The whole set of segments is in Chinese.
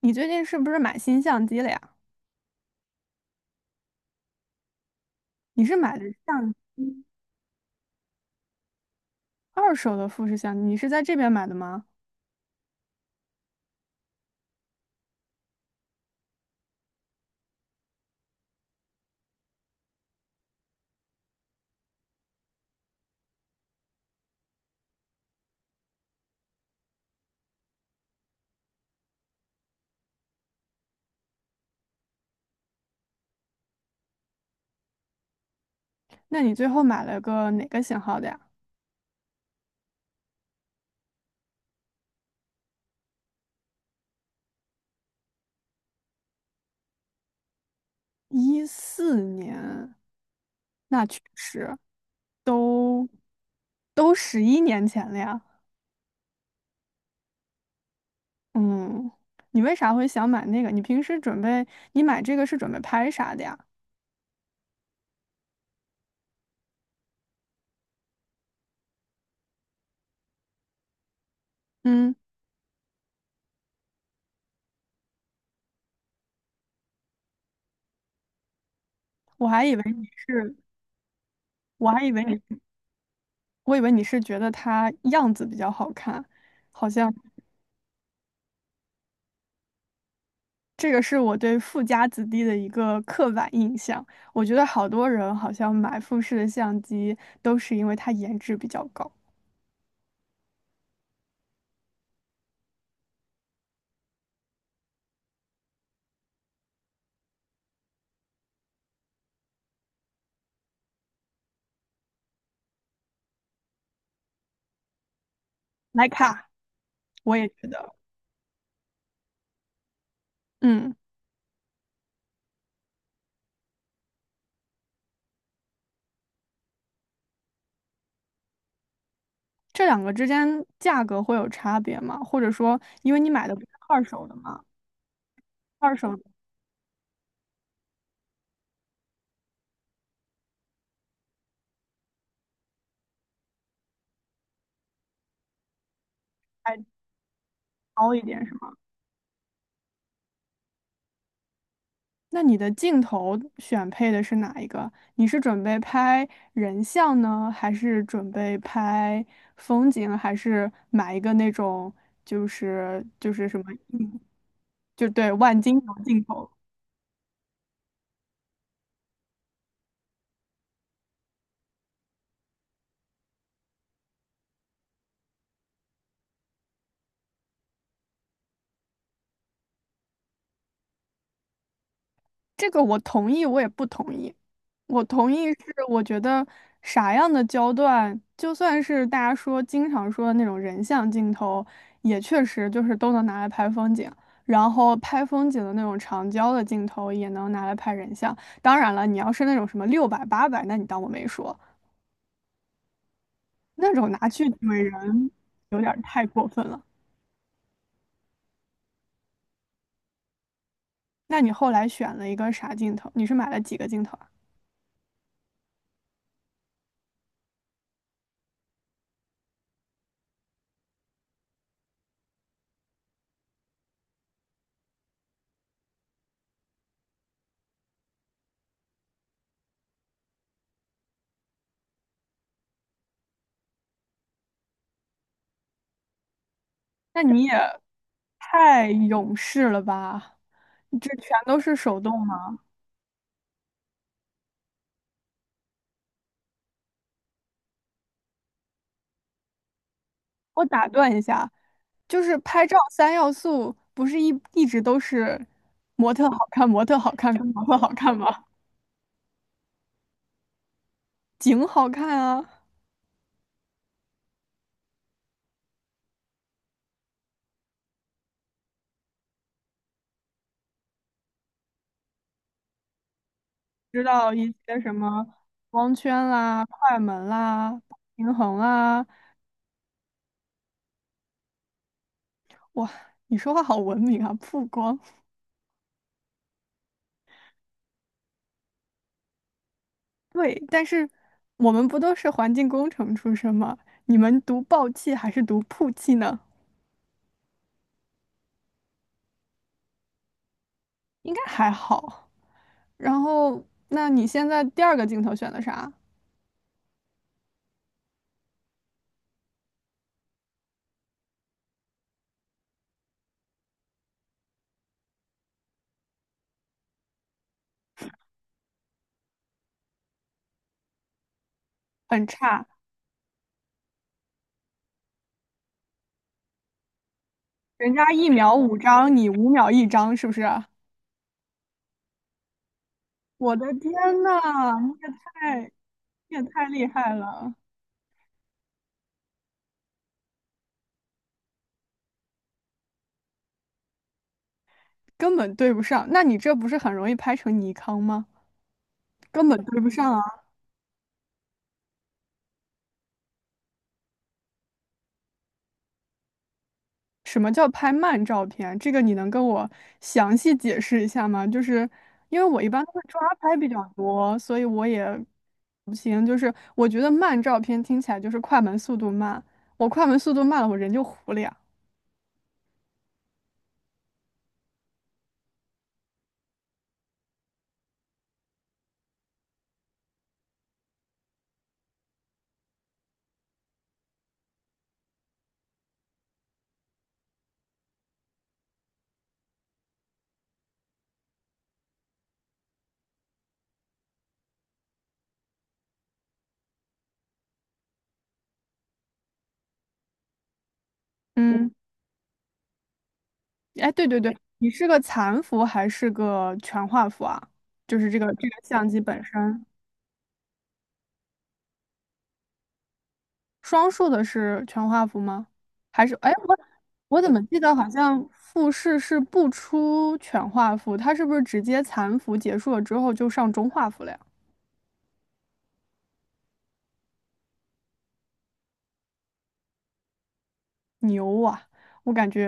你最近是不是买新相机了呀？你是买的相机二手的富士相机，你是在这边买的吗？那你最后买了个哪个型号的呀？14年，那确实都都11年前了呀。嗯，你为啥会想买那个？你平时准备你买这个是准备拍啥的呀？嗯，我还以为你是，我还以为你，我以为你是觉得它样子比较好看，好像。这个是我对富家子弟的一个刻板印象。我觉得好多人好像买富士的相机都是因为它颜值比较高。徕卡，我也觉得，嗯，这两个之间价格会有差别吗？或者说，因为你买的不是二手的嘛，二手的还高一点是吗？那你的镜头选配的是哪一个？你是准备拍人像呢，还是准备拍风景，还是买一个那种就是什么？就对，万金油镜头，这个我同意，我也不同意。我同意是，我觉得啥样的焦段，就算是大家说经常说的那种人像镜头，也确实就是都能拿来拍风景。然后拍风景的那种长焦的镜头也能拿来拍人像。当然了，你要是那种什么600、800，那你当我没说，那种拿去怼人有点儿太过分了。那你后来选了一个啥镜头？你是买了几个镜头啊？那你也太勇士了吧？这全都是手动吗？我打断一下，就是拍照三要素不是一直都是模特好看、模特好看跟模特好看吗？景好看啊，知道一些什么光圈啦、快门啦、平衡啦。哇，你说话好文明啊，曝光。对，但是我们不都是环境工程出身吗？你们读报气还是读曝气呢？应该还好。然后，那你现在第二个镜头选的啥？很差，人家1秒5张，你5秒1张，是不是啊？我的天呐，你也太，你也太厉害了，根本对不上。那你这不是很容易拍成尼康吗？根本对不上啊。什么叫拍慢照片？这个你能跟我详细解释一下吗？就是因为我一般都是抓拍比较多，所以我也不行。就是我觉得慢照片听起来就是快门速度慢，我快门速度慢了，我人就糊了呀。嗯，哎，对对对，你是个残幅还是个全画幅啊？就是这个相机本身。双数的是全画幅吗？还是哎，我怎么记得好像复试是不出全画幅，它是不是直接残幅结束了之后就上中画幅了呀？牛啊！我感觉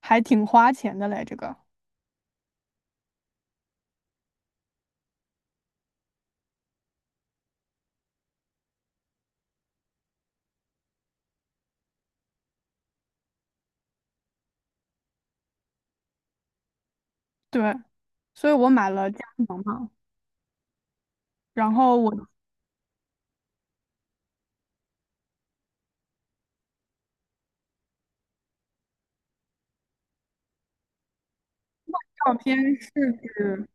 还挺花钱的嘞，这个。对，所以我买了佳能嘛，然后我照片是指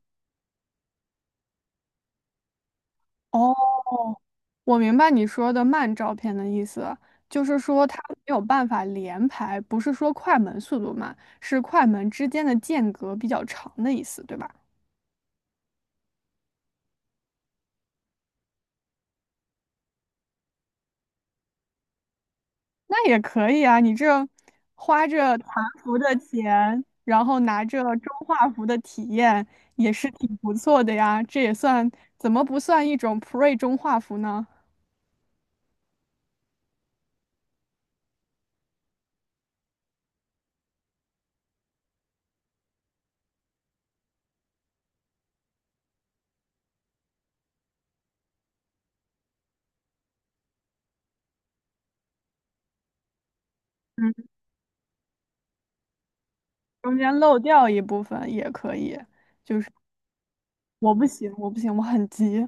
哦，我明白你说的慢照片的意思，就是说它没有办法连拍，不是说快门速度慢，是快门之间的间隔比较长的意思，对吧？那也可以啊，你这花着团服的钱，然后拿着中画幅的体验，也是挺不错的呀。这也算怎么不算一种 pre 中画幅呢？嗯，中间漏掉一部分也可以。我不行，我不行，我很急。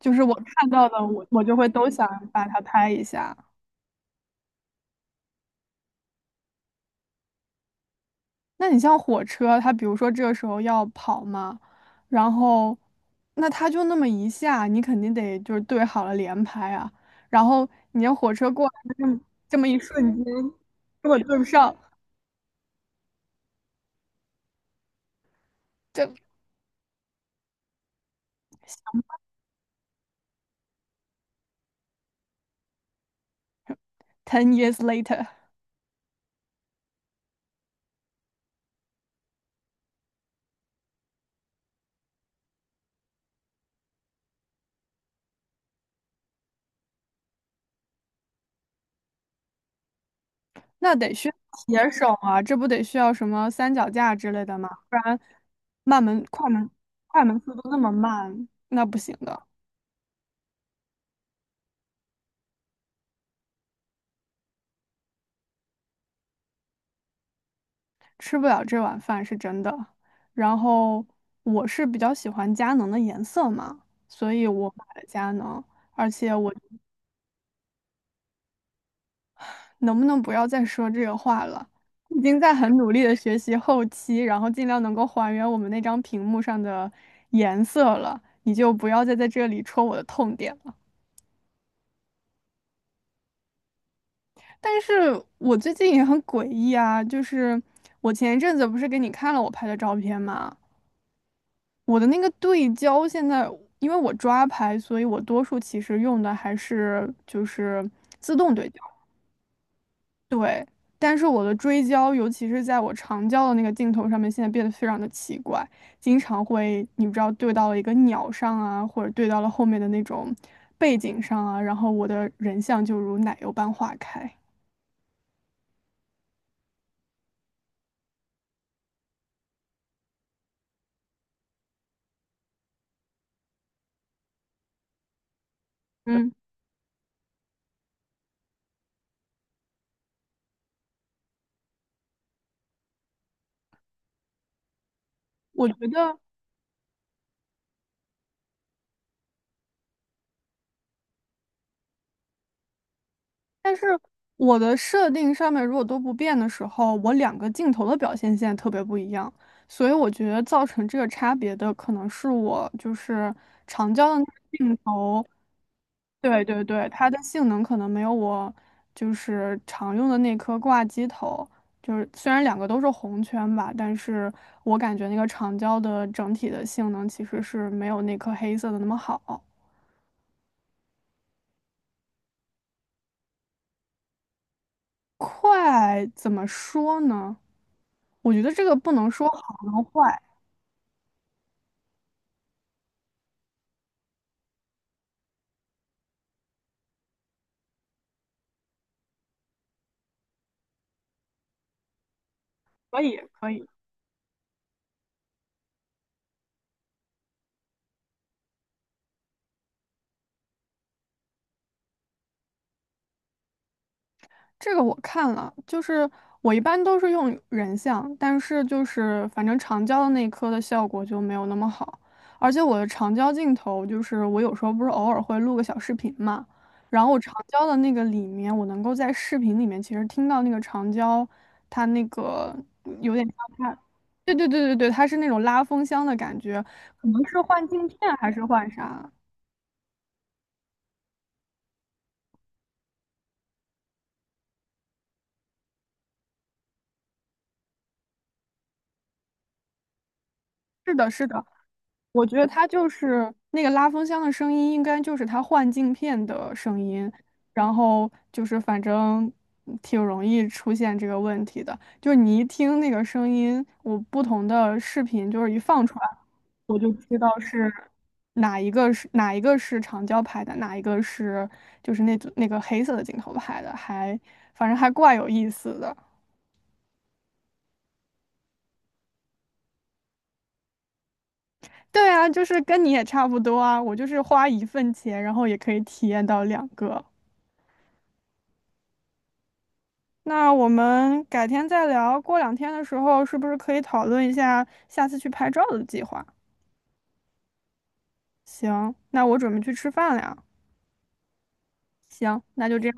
就是我看到的，我就会都想把它拍一下。那你像火车，它比如说这个时候要跑嘛，然后那它就那么一下，你肯定得就是对好了连拍啊。然后你要火车过来的这么一瞬间，如果对不上，这 ten years later，那得需要铁手啊，这不得需要什么三脚架之类的吗？不然慢门快门速度那么慢，那不行的。吃不了这碗饭是真的。然后我是比较喜欢佳能的颜色嘛，所以我买了佳能。而且我能不能不要再说这个话了？已经在很努力的学习后期，然后尽量能够还原我们那张屏幕上的颜色了。你就不要再在这里戳我的痛点了。但是我最近也很诡异啊，就是我前一阵子不是给你看了我拍的照片吗？我的那个对焦现在，因为我抓拍，所以我多数其实用的还是就是自动对焦。对，但是我的追焦，尤其是在我长焦的那个镜头上面，现在变得非常的奇怪，经常会你不知道对到了一个鸟上啊，或者对到了后面的那种背景上啊，然后我的人像就如奶油般化开。嗯，我觉得。但是我的设定上面如果都不变的时候，我两个镜头的表现现在特别不一样，所以我觉得造成这个差别的可能是我就是长焦的那个镜头，对对对，它的性能可能没有我就是常用的那颗挂机头，就是虽然两个都是红圈吧，但是我感觉那个长焦的整体的性能其实是没有那颗黑色的那么好。快怎么说呢？我觉得这个不能说好跟坏，可以可以。这个我看了，就是我一般都是用人像，但是就是反正长焦的那一颗的效果就没有那么好，而且我的长焦镜头就是我有时候不是偶尔会录个小视频嘛，然后我长焦的那个里面，我能够在视频里面其实听到那个长焦它那个有点像它，对对对对对，它是那种拉风箱的感觉，可能是换镜片还是换啥？是的，是的。我觉得它就是那个拉风箱的声音，应该就是它换镜片的声音，然后就是反正挺容易出现这个问题的。就是你一听那个声音，我不同的视频就是一放出来，我就知道是哪一个是长焦拍的，哪一个是就是那组那个黑色的镜头拍的，还反正还怪有意思的。对啊，就是跟你也差不多啊，我就是花一份钱，然后也可以体验到两个。那我们改天再聊，过两天的时候是不是可以讨论一下下次去拍照的计划？行，那我准备去吃饭了呀。行，那就这样。